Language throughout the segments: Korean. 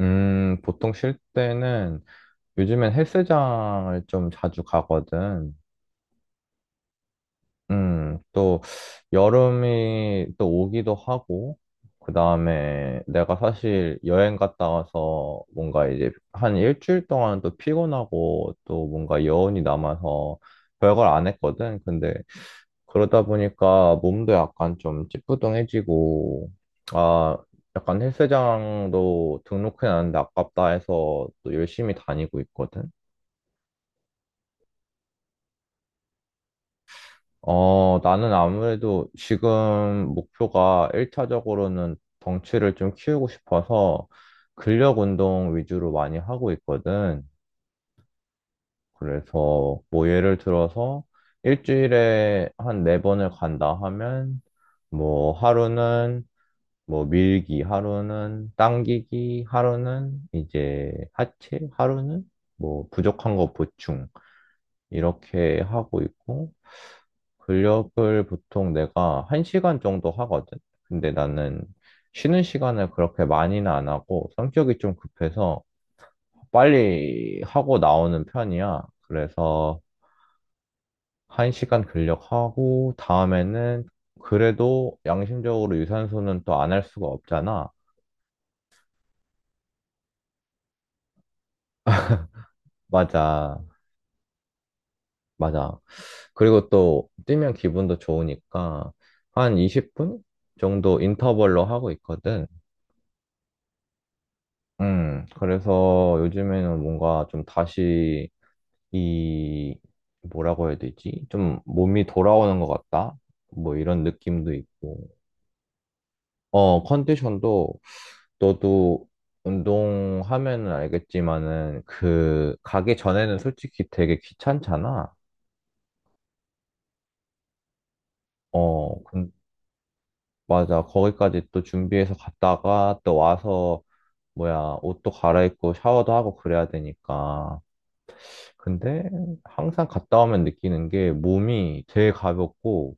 보통 쉴 때는 요즘엔 헬스장을 좀 자주 가거든. 또 여름이 또 오기도 하고, 그 다음에 내가 사실 여행 갔다 와서 뭔가 이제 한 일주일 동안 또 피곤하고 또 뭔가 여운이 남아서 별걸 안 했거든. 근데 그러다 보니까 몸도 약간 좀 찌뿌둥해지고, 아, 약간 헬스장도 등록해놨는데 아깝다 해서 또 열심히 다니고 있거든. 어, 나는 아무래도 지금 목표가 1차적으로는 덩치를 좀 키우고 싶어서 근력 운동 위주로 많이 하고 있거든. 그래서 뭐 예를 들어서 일주일에 한 네 번을 간다 하면 뭐 하루는 뭐 밀기 하루는 당기기 하루는 이제 하체 하루는 뭐 부족한 거 보충 이렇게 하고 있고 근력을 보통 내가 한 시간 정도 하거든. 근데 나는 쉬는 시간을 그렇게 많이는 안 하고 성격이 좀 급해서 빨리 하고 나오는 편이야. 그래서 한 시간 근력하고 다음에는 그래도 양심적으로 유산소는 또 안 할 수가 없잖아. 맞아. 맞아. 그리고 또 뛰면 기분도 좋으니까 한 20분 정도 인터벌로 하고 있거든. 그래서 요즘에는 뭔가 좀 다시 이 뭐라고 해야 되지? 좀 몸이 돌아오는 것 같다? 뭐 이런 느낌도 있고. 어, 컨디션도 너도 운동하면은 알겠지만은 그 가기 전에는 솔직히 되게 귀찮잖아. 어, 맞아. 거기까지 또 준비해서 갔다가 또 와서 뭐야, 옷도 갈아입고 샤워도 하고 그래야 되니까. 근데 항상 갔다 오면 느끼는 게 몸이 되게 가볍고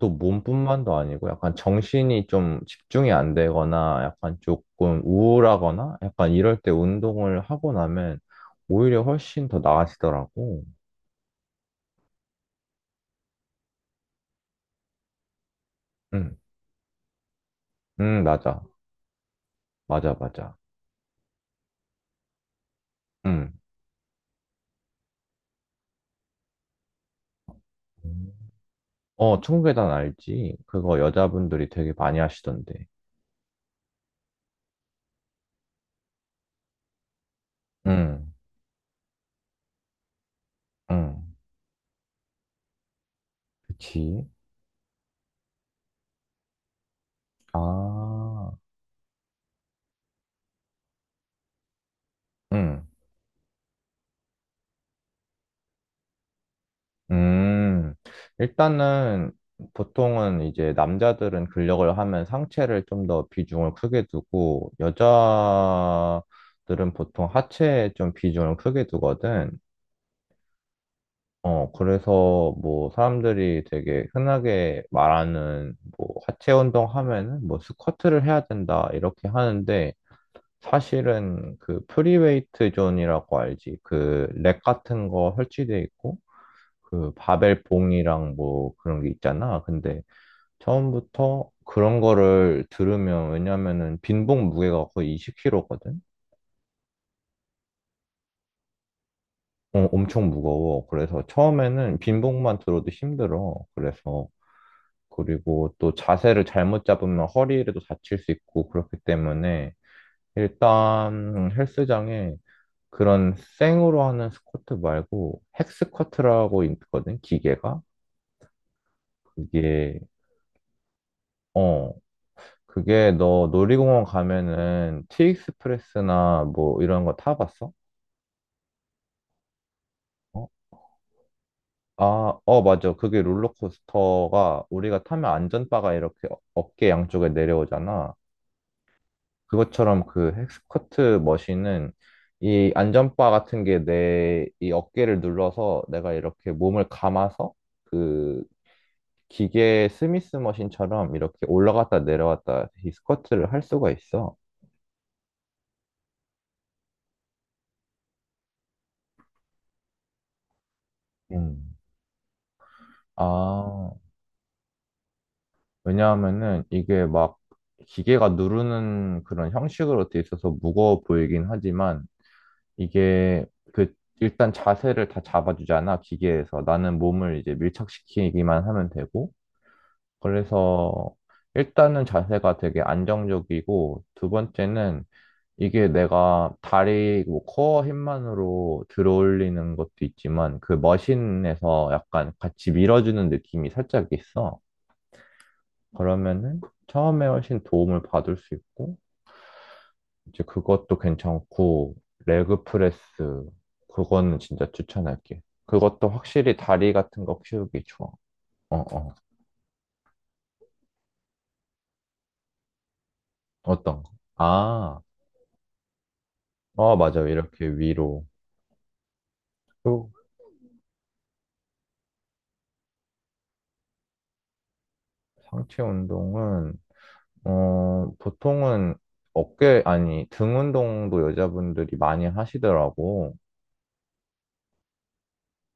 또 몸뿐만도 아니고 약간 정신이 좀 집중이 안 되거나 약간 조금 우울하거나 약간 이럴 때 운동을 하고 나면 오히려 훨씬 더 나아지더라고. 응, 응, 맞아. 맞아, 맞아. 응. 어, 청계단 알지? 그거 여자분들이 되게 많이 하시던데. 응, 응. 그치? 아. 음, 음, 일단은 보통은 이제 남자들은 근력을 하면 상체를 좀 더 비중을 크게 두고 여자들은 보통 하체에 좀 비중을 크게 두거든. 어, 그래서 뭐 사람들이 되게 흔하게 말하는 뭐 하체 운동 하면은 뭐 스쿼트를 해야 된다 이렇게 하는데 사실은 그 프리웨이트 존이라고 알지? 그 렉 같은 거 설치돼 있고 그 바벨 봉이랑 뭐 그런 게 있잖아. 근데 처음부터 그런 거를 들으면 왜냐면은 빈봉 무게가 거의 20kg거든. 어, 엄청 무거워. 그래서 처음에는 빈봉만 들어도 힘들어. 그래서 그리고 또 자세를 잘못 잡으면 허리에도 다칠 수 있고 그렇기 때문에 일단 헬스장에 그런 생으로 하는 스쿼트 말고 핵스쿼트라고 있거든, 기계가. 그게 어, 그게 너 놀이공원 가면은 티익스프레스나 뭐 이런 거 타봤어? 어? 아, 어, 맞아. 그게 롤러코스터가 우리가 타면 안전바가 이렇게 어깨 양쪽에 내려오잖아. 그것처럼 그 헥스커트 머신은 이 안전바 같은 게 내 이 어깨를 눌러서 내가 이렇게 몸을 감아서 그 기계 스미스 머신처럼 이렇게 올라갔다 내려왔다 이 스쿼트를 할 수가 있어. 음. 아. 왜냐하면은 이게 막 기계가 누르는 그런 형식으로 돼 있어서 무거워 보이긴 하지만 이게 그 일단 자세를 다 잡아주잖아, 기계에서. 나는 몸을 이제 밀착시키기만 하면 되고. 그래서 일단은 자세가 되게 안정적이고 두 번째는 이게 내가 다리 뭐 코어 힘만으로 들어올리는 것도 있지만 그 머신에서 약간 같이 밀어주는 느낌이 살짝 있어. 그러면은 처음에 훨씬 도움을 받을 수 있고, 이제 그것도 괜찮고, 레그 프레스, 그거는 진짜 추천할게. 그것도 확실히 다리 같은 거 키우기 좋아. 어, 어. 어떤 거? 아, 어, 맞아. 이렇게 위로. 또 상체 운동은, 어, 보통은 어깨, 아니, 등 운동도 여자분들이 많이 하시더라고.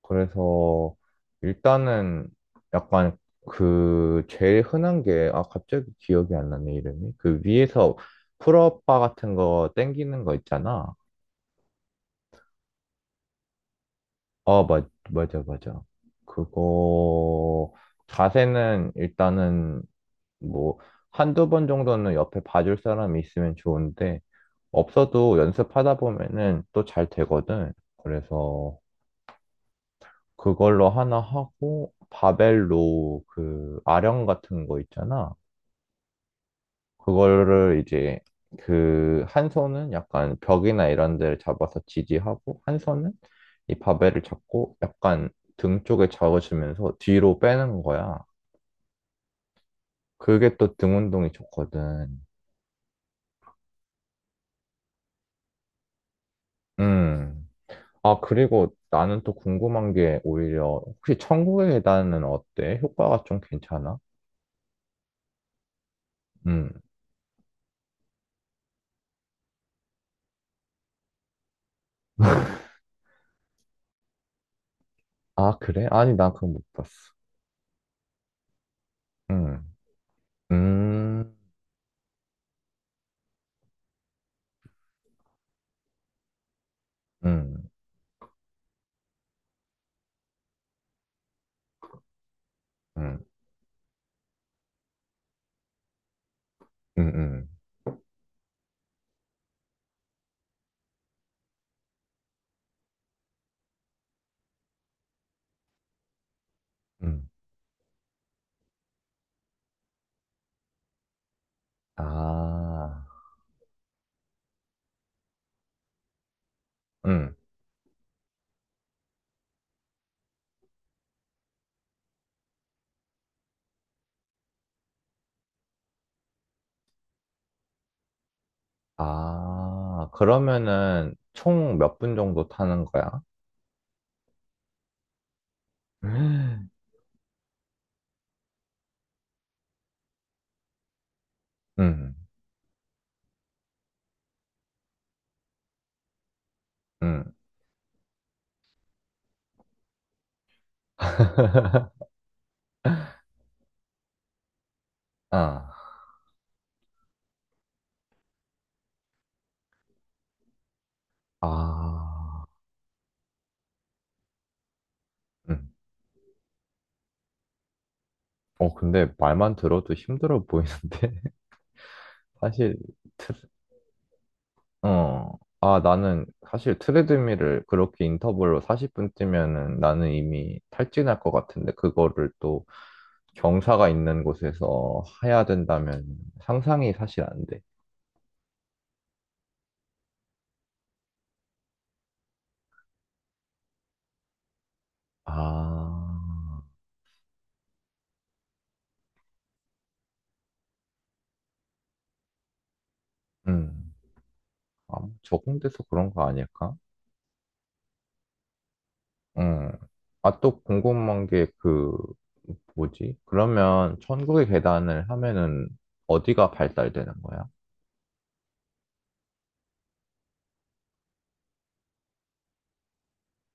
그래서 일단은 약간 그 제일 흔한 게, 아, 갑자기 기억이 안 나네, 이름이. 그 위에서 풀업바 같은 거 땡기는 거 있잖아. 아, 맞아, 맞아. 그거 자세는 일단은 뭐 한두 번 정도는 옆에 봐줄 사람이 있으면 좋은데 없어도 연습하다 보면은 또 잘 되거든. 그래서 그걸로 하나 하고 바벨로 그 아령 같은 거 있잖아. 그거를 이제 그 한 손은 약간 벽이나 이런 데를 잡아서 지지하고 한 손은 이 바벨을 잡고 약간 등 쪽에 잡아주면서 뒤로 빼는 거야. 그게 또 등 운동이 좋거든. 음. 아, 그리고 나는 또 궁금한 게 오히려 혹시 천국의 계단은 어때? 효과가 좀 괜찮아? 음. 아, 그래? 아니, 난 그건 못 봤어. 음. 음, 음, 음, 음, 음, 음. 아, 음. 아, 그러면은 총 몇 분 정도 타는 거야? 음, 음. 음. 아, 아, 음. 어, 근데 말만 들어도 힘들어 보이는데? 사실 어. 아, 나는 사실 트레드밀을 그렇게 인터벌로 40분 뛰면은 나는 이미 탈진할 것 같은데 그거를 또 경사가 있는 곳에서 해야 된다면 상상이 사실 안 돼. 아, 음. 아, 뭐 적응돼서 그런 거 아닐까? 음. 아, 또 궁금한 게 그, 뭐지? 그러면 천국의 계단을 하면은 어디가 발달되는 거야?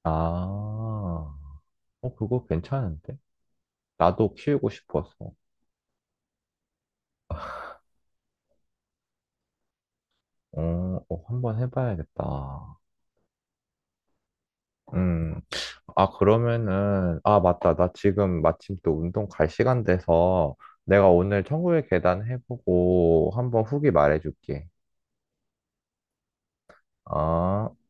아, 어, 그거 괜찮은데? 나도 키우고 싶어서. 어, 어, 한번 해봐야겠다. 음. 아, 그러면은, 아, 맞다. 나 지금 마침 또 운동 갈 시간 돼서 내가 오늘 천국의 계단 해보고 한번 후기 말해줄게. 아.